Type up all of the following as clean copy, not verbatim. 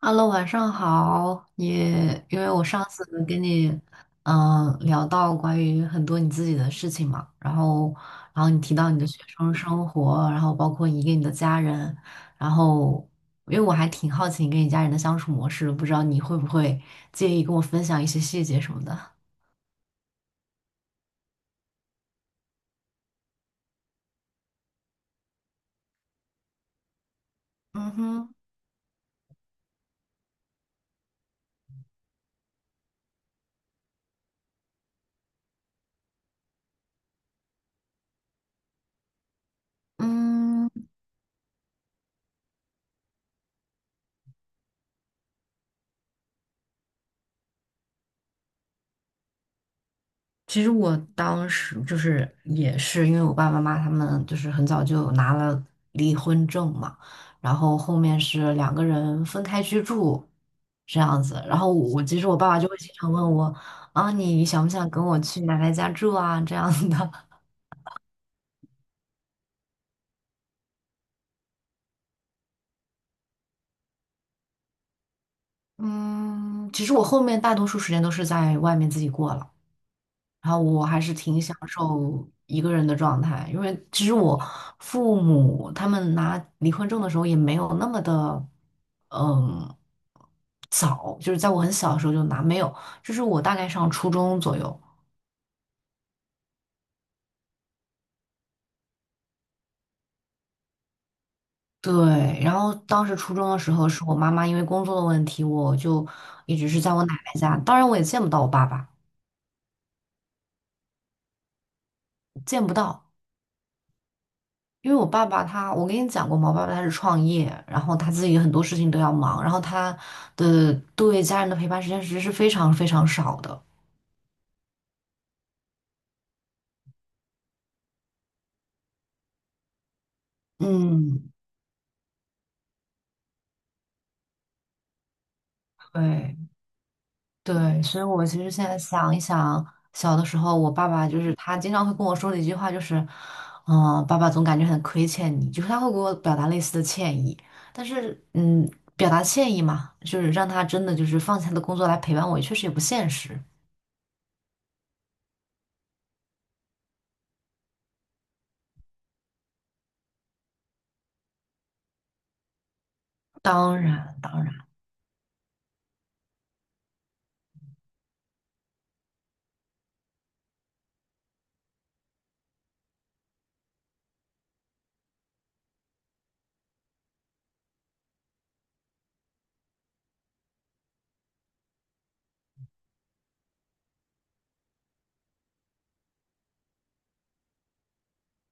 Hello，晚上好。因为我上次跟你聊到关于很多你自己的事情嘛，然后你提到你的学生生活，然后包括你跟你的家人，然后因为我还挺好奇你跟你家人的相处模式的，不知道你会不会介意跟我分享一些细节什么的？嗯哼，嗯。其实我当时就是也是因为我爸爸妈妈他们就是很早就拿了离婚证嘛，然后后面是两个人分开居住这样子，然后我其实我爸爸就会经常问我啊，你想不想跟我去奶奶家住啊这样的，嗯，其实我后面大多数时间都是在外面自己过了。然后我还是挺享受一个人的状态，因为其实我父母他们拿离婚证的时候也没有那么的，嗯，早，就是在我很小的时候就拿，没有，就是我大概上初中左右。对，然后当时初中的时候，是我妈妈因为工作的问题，我就一直是在我奶奶家，当然我也见不到我爸爸，见不到。因为我爸爸他，我跟你讲过嘛，我爸爸他是创业，然后他自己很多事情都要忙，然后他的对家人的陪伴时间其实是非常非常少的。嗯，对对，所以我其实现在想一想，小的时候我爸爸就是他经常会跟我说的一句话就是，爸爸总感觉很亏欠你，就是他会给我表达类似的歉意，但是表达歉意嘛，就是让他真的就是放下他的工作来陪伴我，也确实也不现实。当然，当然，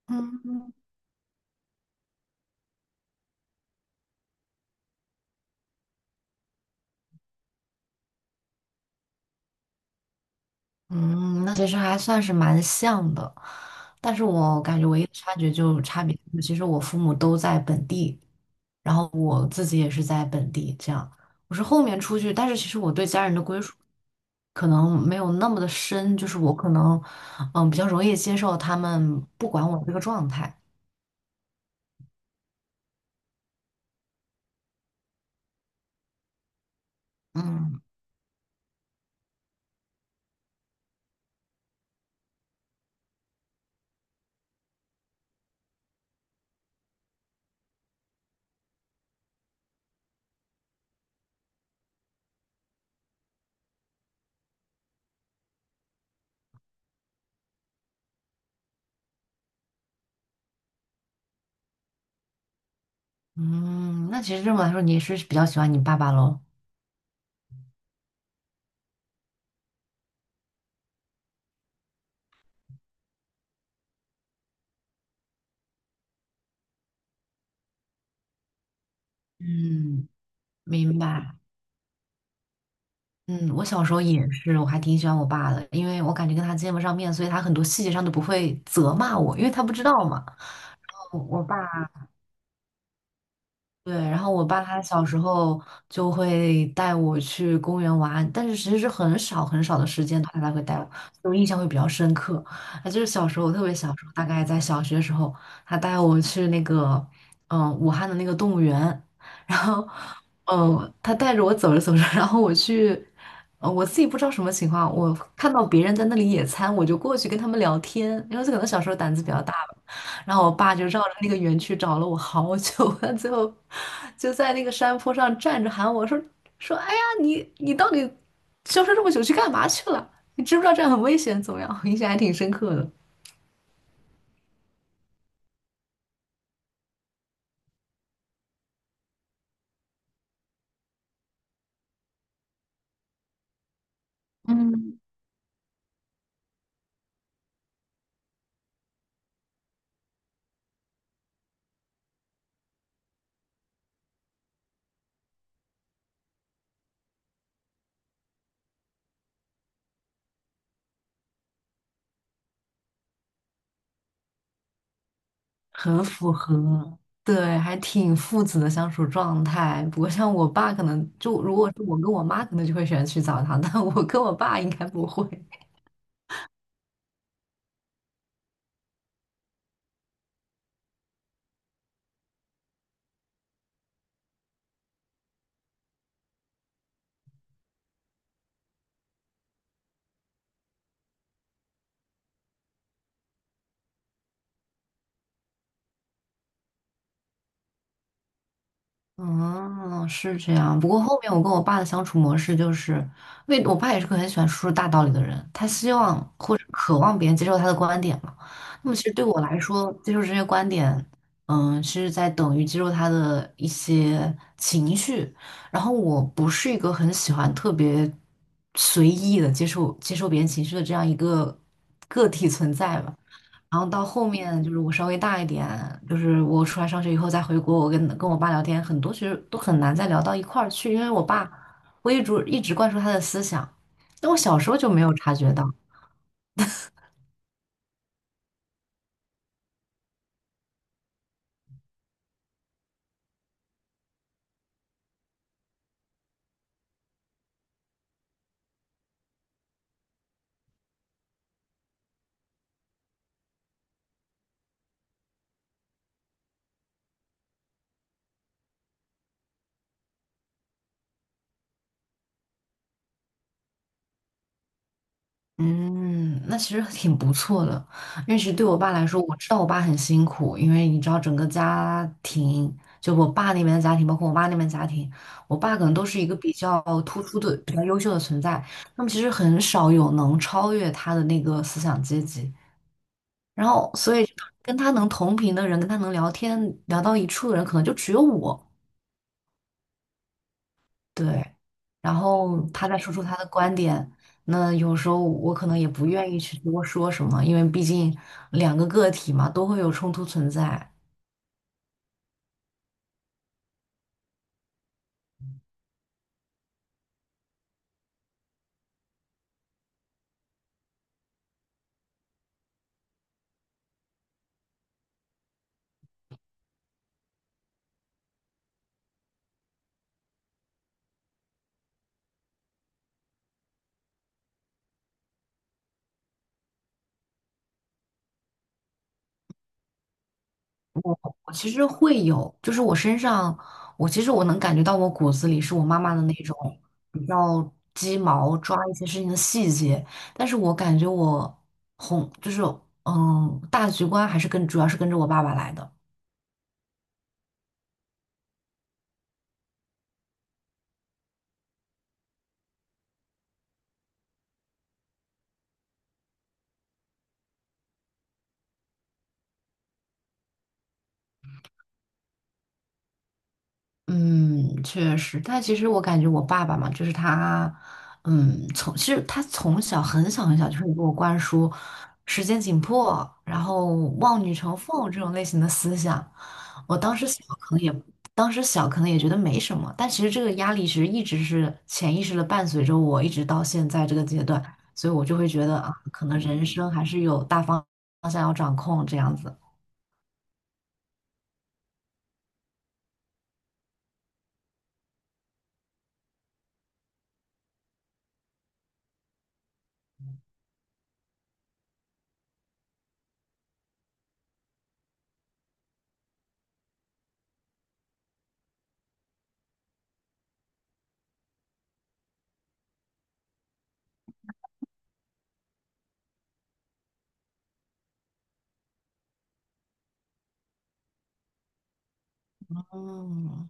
嗯。嗯，那其实还算是蛮像的，但是我感觉唯一的差距就差别，其实我父母都在本地，然后我自己也是在本地，这样我是后面出去，但是其实我对家人的归属可能没有那么的深，就是我可能比较容易接受他们不管我这个状态，嗯嗯，那其实这么来说，你也是比较喜欢你爸爸喽？嗯，明白。嗯，我小时候也是，我还挺喜欢我爸的，因为我感觉跟他见不上面，所以他很多细节上都不会责骂我，因为他不知道嘛。我我爸。对，然后我爸他小时候就会带我去公园玩，但是其实是很少很少的时间，他才会带我，所以我印象会比较深刻。啊，就是小时候，我特别小时候，大概在小学的时候，他带我去那个，嗯，武汉的那个动物园，然后，嗯，他带着我走着走着，然后我去，我自己不知道什么情况，我看到别人在那里野餐，我就过去跟他们聊天，因为可能小时候胆子比较大吧。然后我爸就绕着那个园区找了我好久，他最后就在那个山坡上站着喊我说，哎呀，你你到底消失这么久去干嘛去了？你知不知道这样很危险？怎么样？我印象还挺深刻的，嗯，很符合，对，还挺父子的相处状态。不过像我爸可能就如果是我跟我妈，可能就会喜欢去澡堂，但我跟我爸应该不会。嗯，是这样。不过后面我跟我爸的相处模式就是，因为我爸也是个很喜欢说出大道理的人，他希望或者渴望别人接受他的观点嘛。那么其实对我来说，接受这些观点，嗯，是在等于接受他的一些情绪。然后我不是一个很喜欢特别随意的接受别人情绪的这样一个个体存在吧。然后到后面就是我稍微大一点，就是我出来上学以后再回国，我跟我爸聊天，很多其实都很难再聊到一块儿去，因为我爸我一直灌输他的思想，但我小时候就没有察觉到。嗯，那其实挺不错的，因为其实对我爸来说，我知道我爸很辛苦，因为你知道整个家庭，就我爸那边的家庭，包括我妈那边的家庭，我爸可能都是一个比较突出的、比较优秀的存在，那么其实很少有能超越他的那个思想阶级。然后所以跟他能同频的人，跟他能聊天聊到一处的人，可能就只有我。对，然后他再说出他的观点，那有时候我可能也不愿意去多说什么，因为毕竟两个个体嘛，都会有冲突存在。我我其实会有，就是我身上，我其实能感觉到我骨子里是我妈妈的那种比较鸡毛，抓一些事情的细节，但是我感觉我红就是大局观还是跟主要是跟着我爸爸来的，嗯，确实，但其实我感觉我爸爸嘛，就是他，其实他从小很小很小就会给我灌输时间紧迫，然后望女成凤这种类型的思想。我当时小可能也，当时小可能也觉得没什么，但其实这个压力其实一直是潜意识的伴随着我，一直到现在这个阶段，所以我就会觉得啊，可能人生还是有大方向要掌控这样子。嗯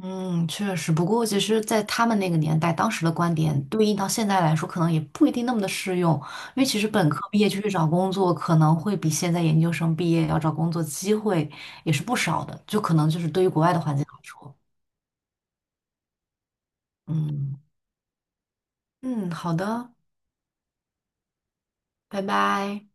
嗯，确实。不过其实，在他们那个年代，当时的观点对应到现在来说，可能也不一定那么的适用，因为其实本科毕业就去找工作，可能会比现在研究生毕业要找工作机会也是不少的，就可能就是对于国外的环境来说，嗯。嗯，好的，拜拜。